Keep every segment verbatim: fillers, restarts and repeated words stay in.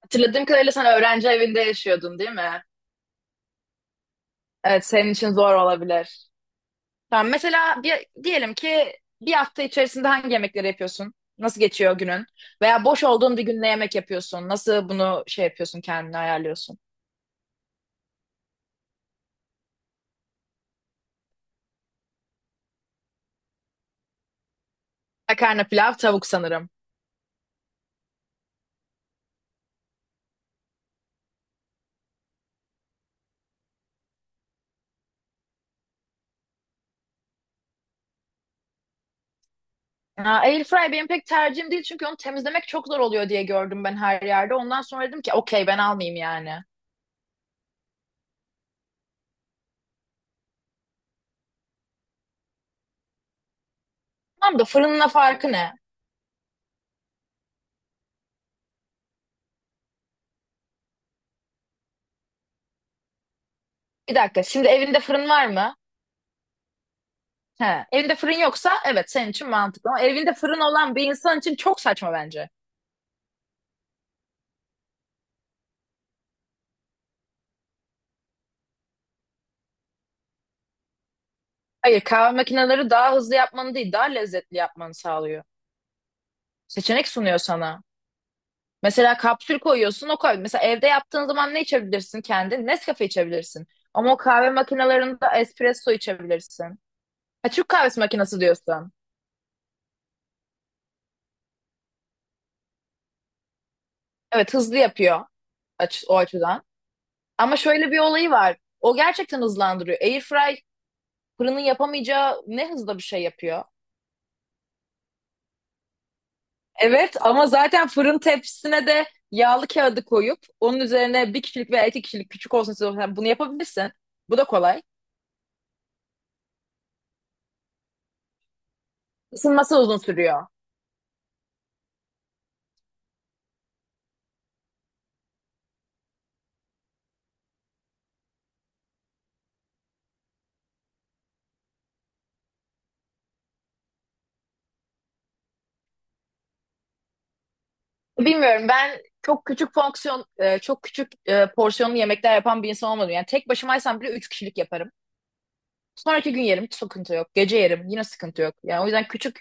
Hatırladığım kadarıyla sen öğrenci evinde yaşıyordun, değil mi? Evet, senin için zor olabilir. Tamam, mesela bir, diyelim ki bir hafta içerisinde hangi yemekleri yapıyorsun? Nasıl geçiyor günün? Veya boş olduğun bir gün ne yemek yapıyorsun? Nasıl bunu şey yapıyorsun, kendini ayarlıyorsun? Makarna, pilav, tavuk sanırım. Aa, Air fry benim pek tercihim değil çünkü onu temizlemek çok zor oluyor diye gördüm ben her yerde. Ondan sonra dedim ki okey ben almayayım yani. Tamam da fırınla farkı ne? Bir dakika, şimdi evinde fırın var mı? He, evinde fırın yoksa evet senin için mantıklı ama evinde fırın olan bir insan için çok saçma bence. Hayır, kahve makineleri daha hızlı yapmanı değil daha lezzetli yapmanı sağlıyor. Seçenek sunuyor sana. Mesela kapsül koyuyorsun o koy. Mesela evde yaptığın zaman ne içebilirsin kendin? Nescafe içebilirsin. Ama o kahve makinelerinde espresso içebilirsin. Ha, Türk kahvesi makinesi diyorsun. Evet hızlı yapıyor aç- o açıdan. Ama şöyle bir olayı var. O gerçekten hızlandırıyor. Airfry fırının yapamayacağı ne hızda bir şey yapıyor. Evet ama zaten fırın tepsisine de yağlı kağıdı koyup onun üzerine bir kişilik veya iki kişilik küçük olsun size olsun yani bunu yapabilirsin. Bu da kolay. Isınması uzun sürüyor. Bilmiyorum, ben çok küçük fonksiyon e, çok küçük e, porsiyonlu yemekler yapan bir insan olmadım. Yani tek başımaysam bile üç kişilik yaparım. Sonraki gün yerim, hiç sıkıntı yok. Gece yerim yine sıkıntı yok. Yani o yüzden küçük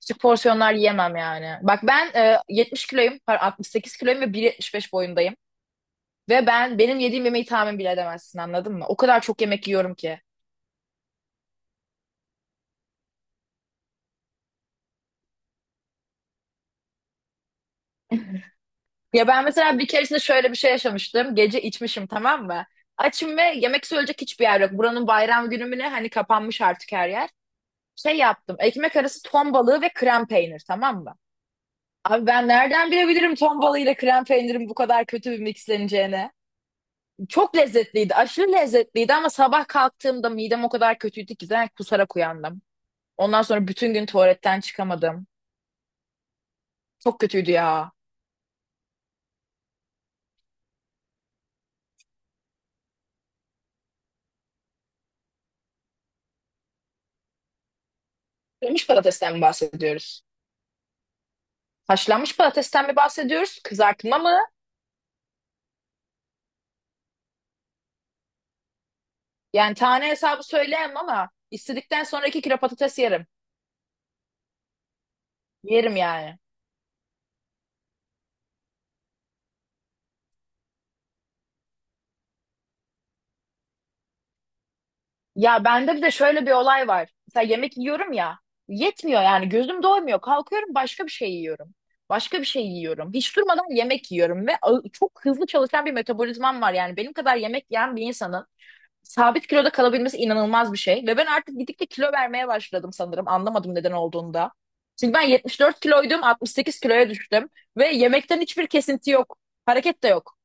küçük porsiyonlar yemem yani. Bak ben e, yetmiş kiloyum, pardon, altmış sekiz kiloyum ve bir yetmiş beş boyundayım. Ve ben benim yediğim yemeği tahmin bile edemezsin, anladın mı? O kadar çok yemek yiyorum ki. Ya ben mesela bir keresinde şöyle bir şey yaşamıştım. Gece içmişim, tamam mı? Açım ve yemek söyleyecek hiçbir yer yok. Buranın bayram günü mü ne? Hani kapanmış artık her yer. Şey yaptım. Ekmek arası ton balığı ve krem peynir, tamam mı? Abi, ben nereden bilebilirim ton balığıyla krem peynirin bu kadar kötü bir mixleneceğini? Çok lezzetliydi, aşırı lezzetliydi ama sabah kalktığımda midem o kadar kötüydü ki zaten kusarak uyandım. Ondan sonra bütün gün tuvaletten çıkamadım. Çok kötüydü ya. Kırmış patatesten mi bahsediyoruz? Haşlanmış patatesten mi bahsediyoruz? Kızartma mı? Yani tane hesabı söyleyemem ama istedikten sonra iki kilo patates yerim. Yerim yani. Ya bende bir de şöyle bir olay var. Mesela yemek yiyorum ya. Yetmiyor yani, gözüm doymuyor. Kalkıyorum, başka bir şey yiyorum. Başka bir şey yiyorum. Hiç durmadan yemek yiyorum ve ağ- çok hızlı çalışan bir metabolizmam var. Yani benim kadar yemek yiyen bir insanın sabit kiloda kalabilmesi inanılmaz bir şey. Ve ben artık gittikçe kilo vermeye başladım sanırım. Anlamadım neden olduğunda. Çünkü ben yetmiş dört kiloydum, altmış sekiz kiloya düştüm ve yemekten hiçbir kesinti yok. Hareket de yok.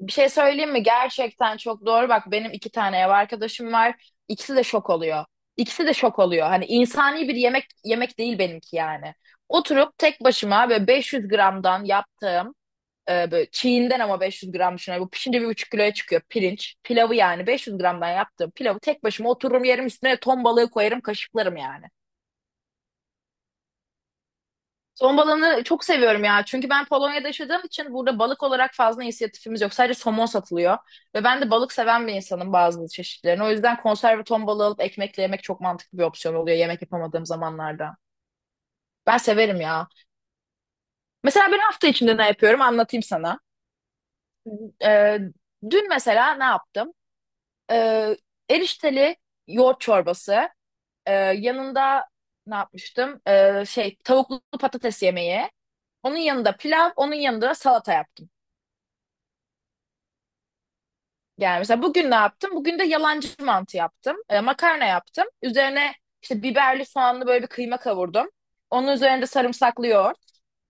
Bir şey söyleyeyim mi? Gerçekten çok doğru. Bak benim iki tane ev arkadaşım var. İkisi de şok oluyor. İkisi de şok oluyor. Hani insani bir yemek yemek değil benimki yani. Oturup tek başıma böyle beş yüz gramdan yaptığım e, böyle çiğinden ama beş yüz gram düşünüyorum. Bu pişince bir buçuk kiloya çıkıyor pirinç. Pilavı yani beş yüz gramdan yaptığım pilavı tek başıma otururum yerim, üstüne ton balığı koyarım, kaşıklarım yani. Somon balığını çok seviyorum ya. Çünkü ben Polonya'da yaşadığım için burada balık olarak fazla inisiyatifimiz yok. Sadece somon satılıyor. Ve ben de balık seven bir insanım, bazı çeşitlerini. O yüzden konserve ton balığı alıp ekmekle yemek çok mantıklı bir opsiyon oluyor yemek yapamadığım zamanlarda. Ben severim ya. Mesela ben hafta içinde ne yapıyorum anlatayım sana. Ee, Dün mesela ne yaptım? Ee, Erişteli yoğurt çorbası. Ee, yanında ne yapmıştım? Ee, şey, tavuklu patates yemeği. Onun yanında pilav, onun yanında salata yaptım. Yani mesela bugün ne yaptım? Bugün de yalancı mantı yaptım. E, makarna yaptım. Üzerine işte biberli soğanlı böyle bir kıyma kavurdum. Onun üzerine de sarımsaklı yoğurt.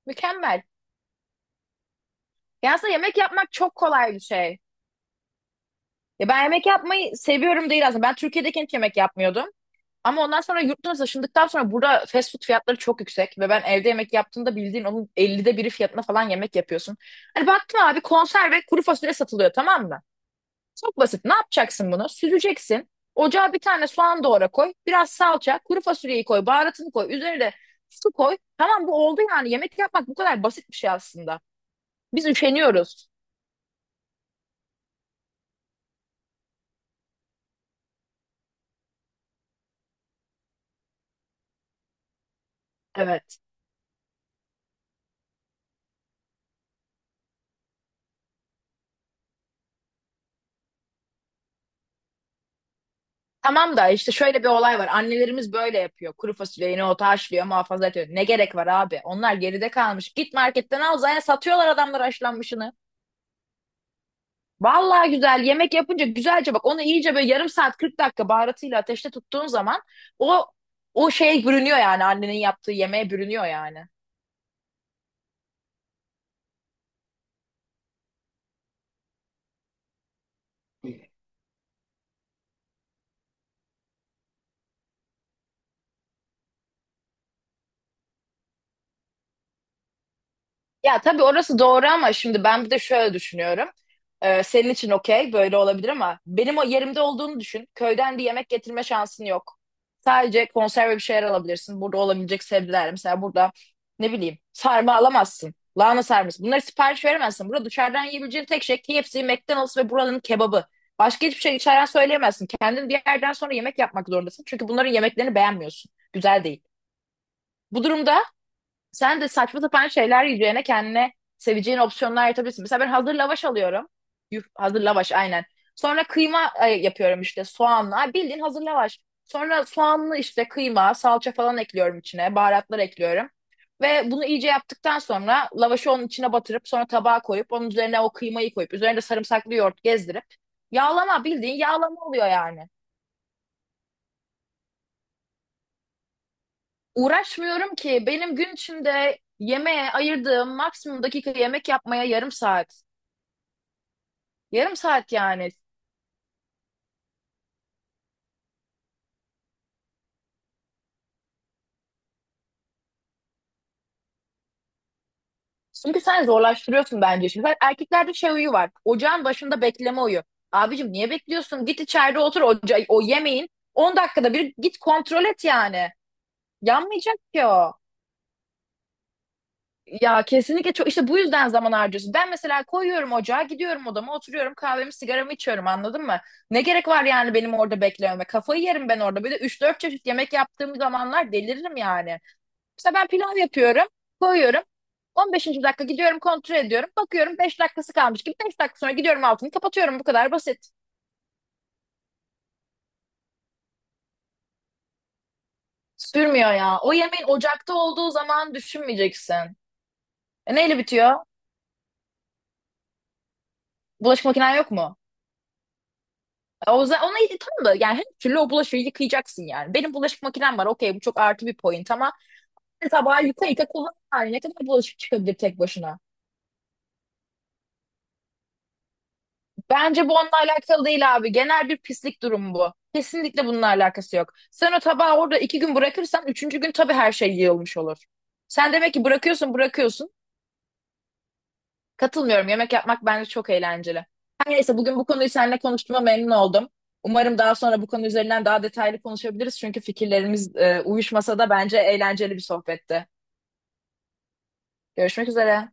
Mükemmel. Ya aslında yemek yapmak çok kolay bir şey. Ya ben yemek yapmayı seviyorum değil aslında. Ben Türkiye'deyken hiç yemek yapmıyordum. Ama ondan sonra yurt dışına taşındıktan sonra burada fast food fiyatları çok yüksek. Ve ben evde yemek yaptığımda bildiğin onun ellide biri fiyatına falan yemek yapıyorsun. Hani baktım abi, konserve kuru fasulye satılıyor, tamam mı? Çok basit. Ne yapacaksın bunu? Süzeceksin. Ocağa bir tane soğan doğra, koy. Biraz salça, kuru fasulyeyi koy, baharatını koy. Üzerine de su koy. Tamam, bu oldu yani. Yemek yapmak bu kadar basit bir şey aslında. Biz üşeniyoruz. Evet. Tamam da işte şöyle bir olay var. Annelerimiz böyle yapıyor. Kuru fasulyeyi ota haşlıyor, muhafaza ediyor. Ne gerek var abi? Onlar geride kalmış. Git marketten al, zaten satıyorlar adamlar haşlanmışını. Vallahi güzel yemek yapınca, güzelce bak, onu iyice böyle yarım saat kırk dakika baharatıyla ateşte tuttuğun zaman o o şeye bürünüyor yani, annenin yaptığı yemeğe bürünüyor yani. Ya tabii orası doğru ama şimdi ben bir de şöyle düşünüyorum. Ee, senin için okey böyle olabilir ama benim o yerimde olduğunu düşün. Köyden bir yemek getirme şansın yok. Sadece konserve bir şeyler alabilirsin. Burada olabilecek sebzeler. Mesela burada ne bileyim sarma alamazsın. Lahana sarması. Bunları sipariş veremezsin. Burada dışarıdan yiyebileceğin tek şey K F C, McDonald's ve buranın kebabı. Başka hiçbir şey içeriden söyleyemezsin. Kendin bir yerden sonra yemek yapmak zorundasın. Çünkü bunların yemeklerini beğenmiyorsun. Güzel değil. Bu durumda sen de saçma sapan şeyler yiyeceğine kendine seveceğin opsiyonlar yaratabilirsin. Mesela ben hazır lavaş alıyorum. Yuh, hazır lavaş aynen. Sonra kıyma e, yapıyorum işte soğanla. Bildiğin hazır lavaş. Sonra soğanlı işte kıyma, salça falan ekliyorum içine. Baharatlar ekliyorum. Ve bunu iyice yaptıktan sonra lavaşı onun içine batırıp sonra tabağa koyup onun üzerine o kıymayı koyup üzerine de sarımsaklı yoğurt gezdirip yağlama, bildiğin yağlama oluyor yani. Uğraşmıyorum ki, benim gün içinde yemeğe ayırdığım maksimum dakika yemek yapmaya yarım saat. Yarım saat yani. Çünkü sen zorlaştırıyorsun bence. Şimdi bak, erkeklerde şey huyu var: ocağın başında bekleme huyu. Abicim, niye bekliyorsun? Git içeride otur, oca o yemeğin. on dakikada bir git kontrol et yani. Yanmayacak ki o. Ya kesinlikle çok işte bu yüzden zaman harcıyorsun. Ben mesela koyuyorum ocağa, gidiyorum odama, oturuyorum, kahvemi, sigaramı içiyorum, anladın mı? Ne gerek var yani benim orada beklememe? Kafayı yerim ben orada. Bir de üç dört çeşit yemek yaptığım zamanlar deliririm yani. Mesela ben pilav yapıyorum, koyuyorum. on beşinci dakika gidiyorum kontrol ediyorum. Bakıyorum beş dakikası kalmış gibi. Beş dakika sonra gidiyorum altını kapatıyorum. Bu kadar basit. Sürmüyor ya. O yemeğin ocakta olduğu zaman düşünmeyeceksin. E neyle bitiyor? Bulaşık makinen yok mu? E o zaman ona tamam da, yani her türlü o bulaşığı yıkayacaksın yani. Benim bulaşık makinem var. Okey, bu çok artı bir point ama tabağı yıka yıka kullan. Yani ne kadar bulaşık çıkabilir tek başına? Bence bu onunla alakalı değil abi. Genel bir pislik durumu bu. Kesinlikle bununla alakası yok. Sen o tabağı orada iki gün bırakırsan üçüncü gün tabii her şey yığılmış olur. Sen demek ki bırakıyorsun bırakıyorsun. Katılmıyorum. Yemek yapmak bence çok eğlenceli. Her neyse, bugün bu konuyu seninle konuştuğuma memnun oldum. Umarım daha sonra bu konu üzerinden daha detaylı konuşabiliriz. Çünkü fikirlerimiz e, uyuşmasa da bence eğlenceli bir sohbetti. Görüşmek üzere.